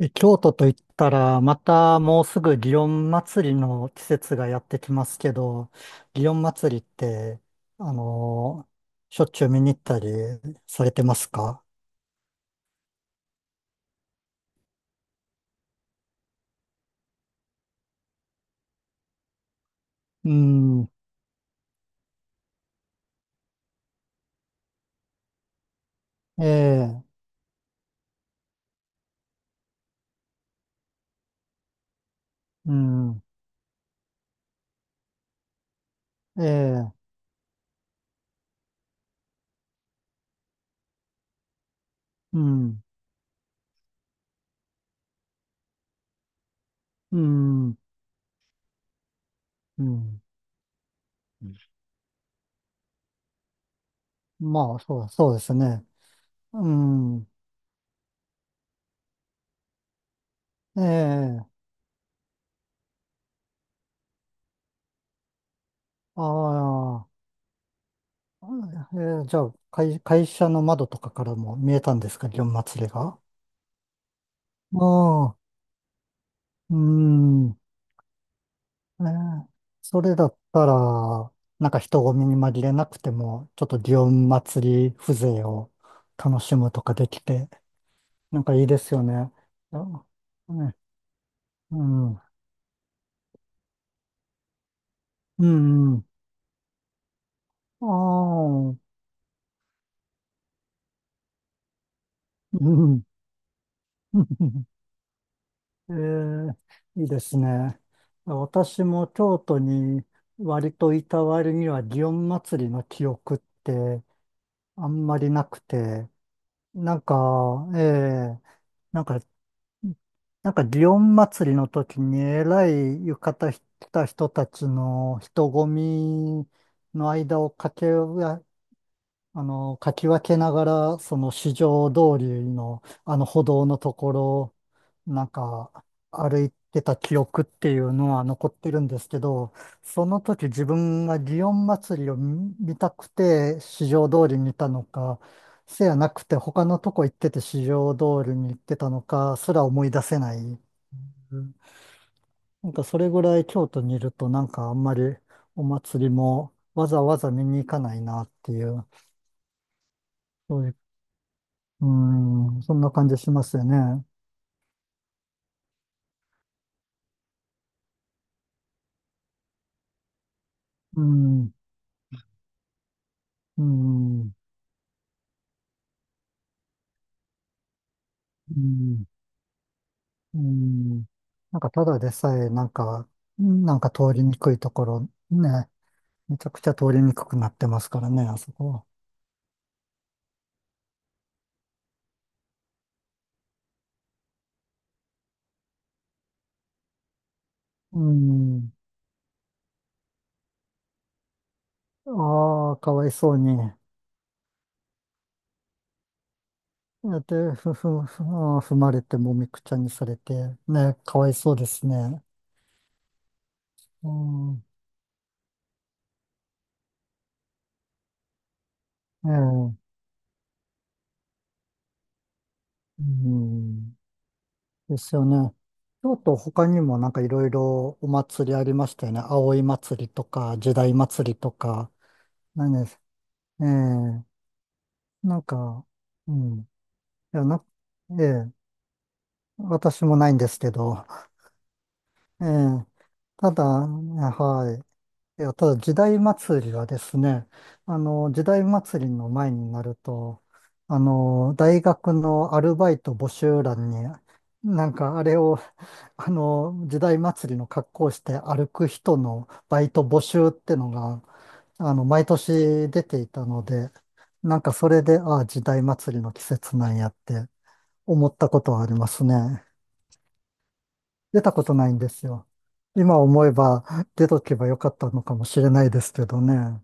京都と言ったら、またもうすぐ祇園祭りの季節がやってきますけど、祇園祭りって、あのしょっちゅう見に行ったりされてますか？うん。ええ。うん。ええ。うん。うん。うん。まあ、そうですね。うん。ええ。ああ。ええ、じゃあ、会社の窓とかからも見えたんですか、祇園祭りが？ああ。うん。ええ、それだったら、なんか人混みに紛れなくても、ちょっと祇園祭り風情を楽しむとかできて、なんかいいですよね。あ。ね。うん。うん。うん。ああ。うん。ええ、いいですね。私も京都に割といた割には祇園祭りの記憶ってあんまりなくて、なんか、ええなんかうんなんか、祇園祭りの時に、えらい浴衣着た人たちの人混みの間を駆けあの、かき分けながら、その市場通りの、あの歩道のところ、なんか、歩いてた記憶っていうのは残ってるんですけど、その時自分が祇園祭を見たくて市場通りにいたのか、せやなくて他のとこ行ってて市場通りに行ってたのか、すら思い出せない。うん。なんかそれぐらい京都にいると、なんかあんまりお祭りもわざわざ見に行かないなっていう。そういう、うん、そんな感じしますよね。うん。うん。うん。うん。なんかただでさえ、なんか、なんか通りにくいところ、ね、めちゃくちゃ通りにくくなってますからね、あそこ。うん。ああ、かわいそうに。で、ふ、ふ、ふ、あー踏まれて、もみくちゃにされて、ね、かわいそうですね。うん。ええ。うん。ですよね。京都他にもなんかいろいろお祭りありましたよね。葵祭りとか、時代祭りとか。何です。ええ。なんか、うん。や、な、ええ、私もないんですけど。ええ、ただ、ね、はい。いや、ただ時代祭りはですね、時代祭りの前になると、大学のアルバイト募集欄に、なんかあれを、時代祭りの格好をして歩く人のバイト募集ってのが、毎年出ていたので、なんかそれで、ああ、時代祭りの季節なんやって思ったことはありますね。出たことないんですよ。今思えば出とけばよかったのかもしれないですけどね。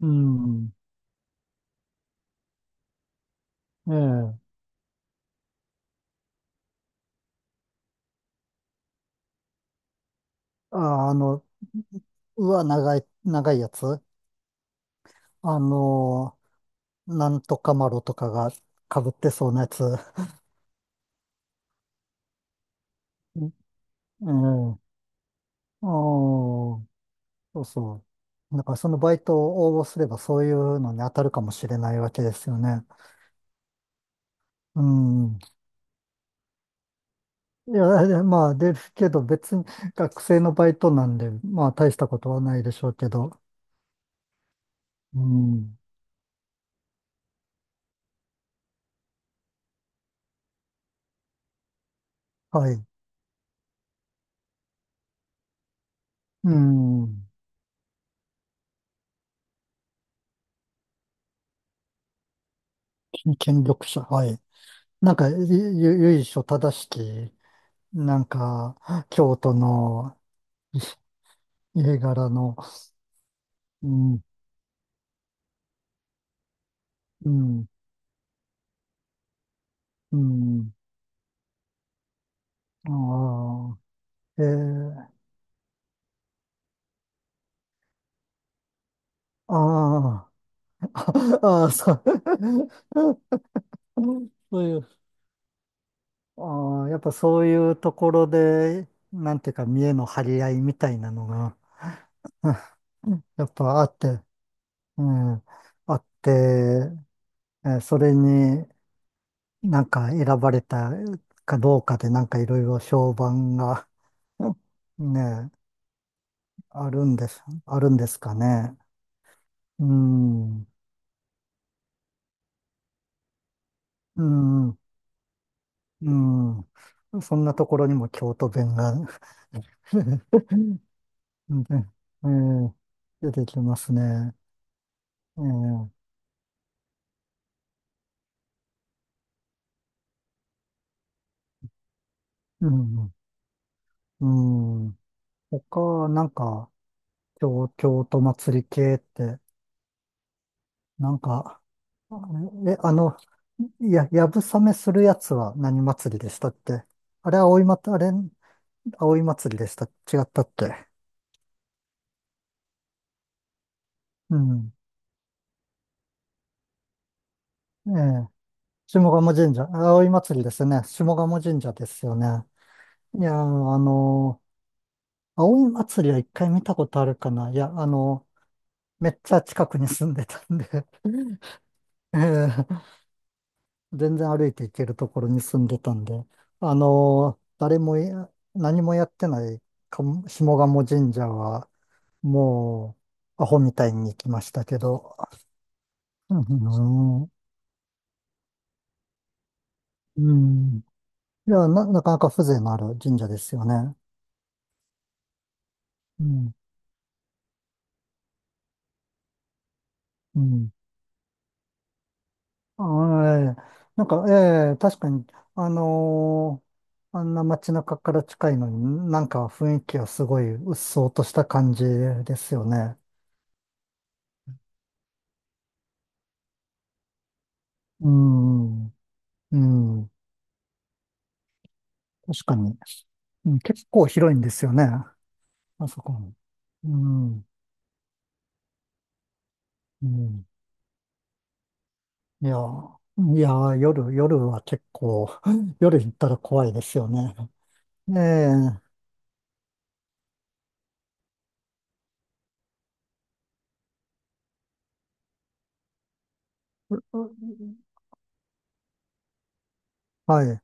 うん。ええ。あ、あの、うわ、長いやつ。あの、なんとかマロとかが被ってそうなやつ。うん。ええ。ああ、そうそう。だからそのバイトを応募すればそういうのに当たるかもしれないわけですよね。うん。いや、でですけど別に学生のバイトなんで、まあ大したことはないでしょうけど。うん。はい。うん。権力者。はい。なんか、由緒正しき、なんか、京都のい家柄の、うん。うん。うん。ああ。えー。あー。 あー、あそう、そういう、ああ、やっぱそういうところで、なんていうか、見栄の張り合いみたいなのが、うん、やっぱあって、うん、あって、えーそれに、なんか選ばれたかどうかでなんかいろいろ評判が。 ね、あるんです、あるんですかね。うん。うん。うん。そんなところにも京都弁が。 うん。ねえ。ー、出てきますね。えーうん。うん。他、なんか、京都祭り系って、なんか、え、あの、いや、やぶさめするやつは何祭りでしたって。あれ、葵祭りでした。違ったって。うん。ええ。下鴨神社。葵祭りですね。下鴨神社ですよね。いやー、葵祭りは一回見たことあるかな。いや、めっちゃ近くに住んでたんで。 ええ、全然歩いて行けるところに住んでたんで、あのー、誰もい、何もやってないかも下鴨神社は、もう、アホみたいに行きましたけど。うん。うん。いや、なかなか風情のある神社ですよね。うん。うん。あえなんか、ええ、確かに、あのーあんな街中から近いのに、なんか雰囲気はすごい鬱蒼とした感じですよね。うん。うん。確かに。うん、結構広いんですよね、あそこ。うん。うん。いやー、夜は結構、夜行ったら怖いですよね。ええ。ううはい。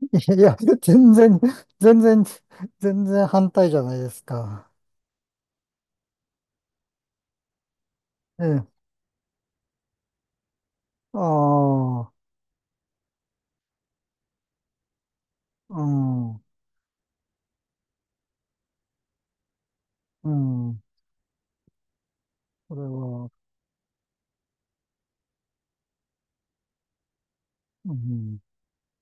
いや、全然、全然反対じゃないですか。ええ。ああ。うん。うん、それは、うん、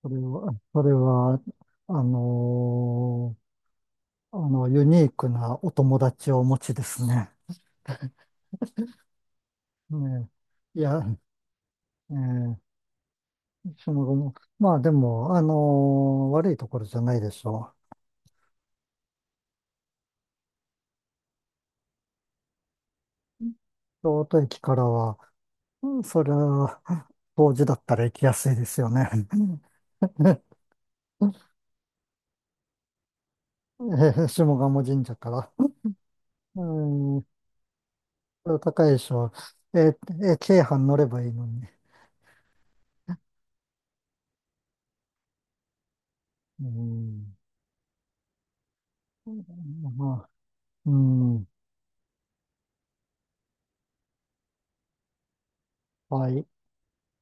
それは、あのーあの、ユニークなお友達をお持ちですね。ねえ。いや。ええ、その後も、まあでも、悪いところじゃないでしょう。京都駅からは、うん、それは、当時だったら行きやすいですよね。えー、下鴨神社から。うん、高いでしょえー、京阪乗ればいいのに。うん。まあ。うん。はい。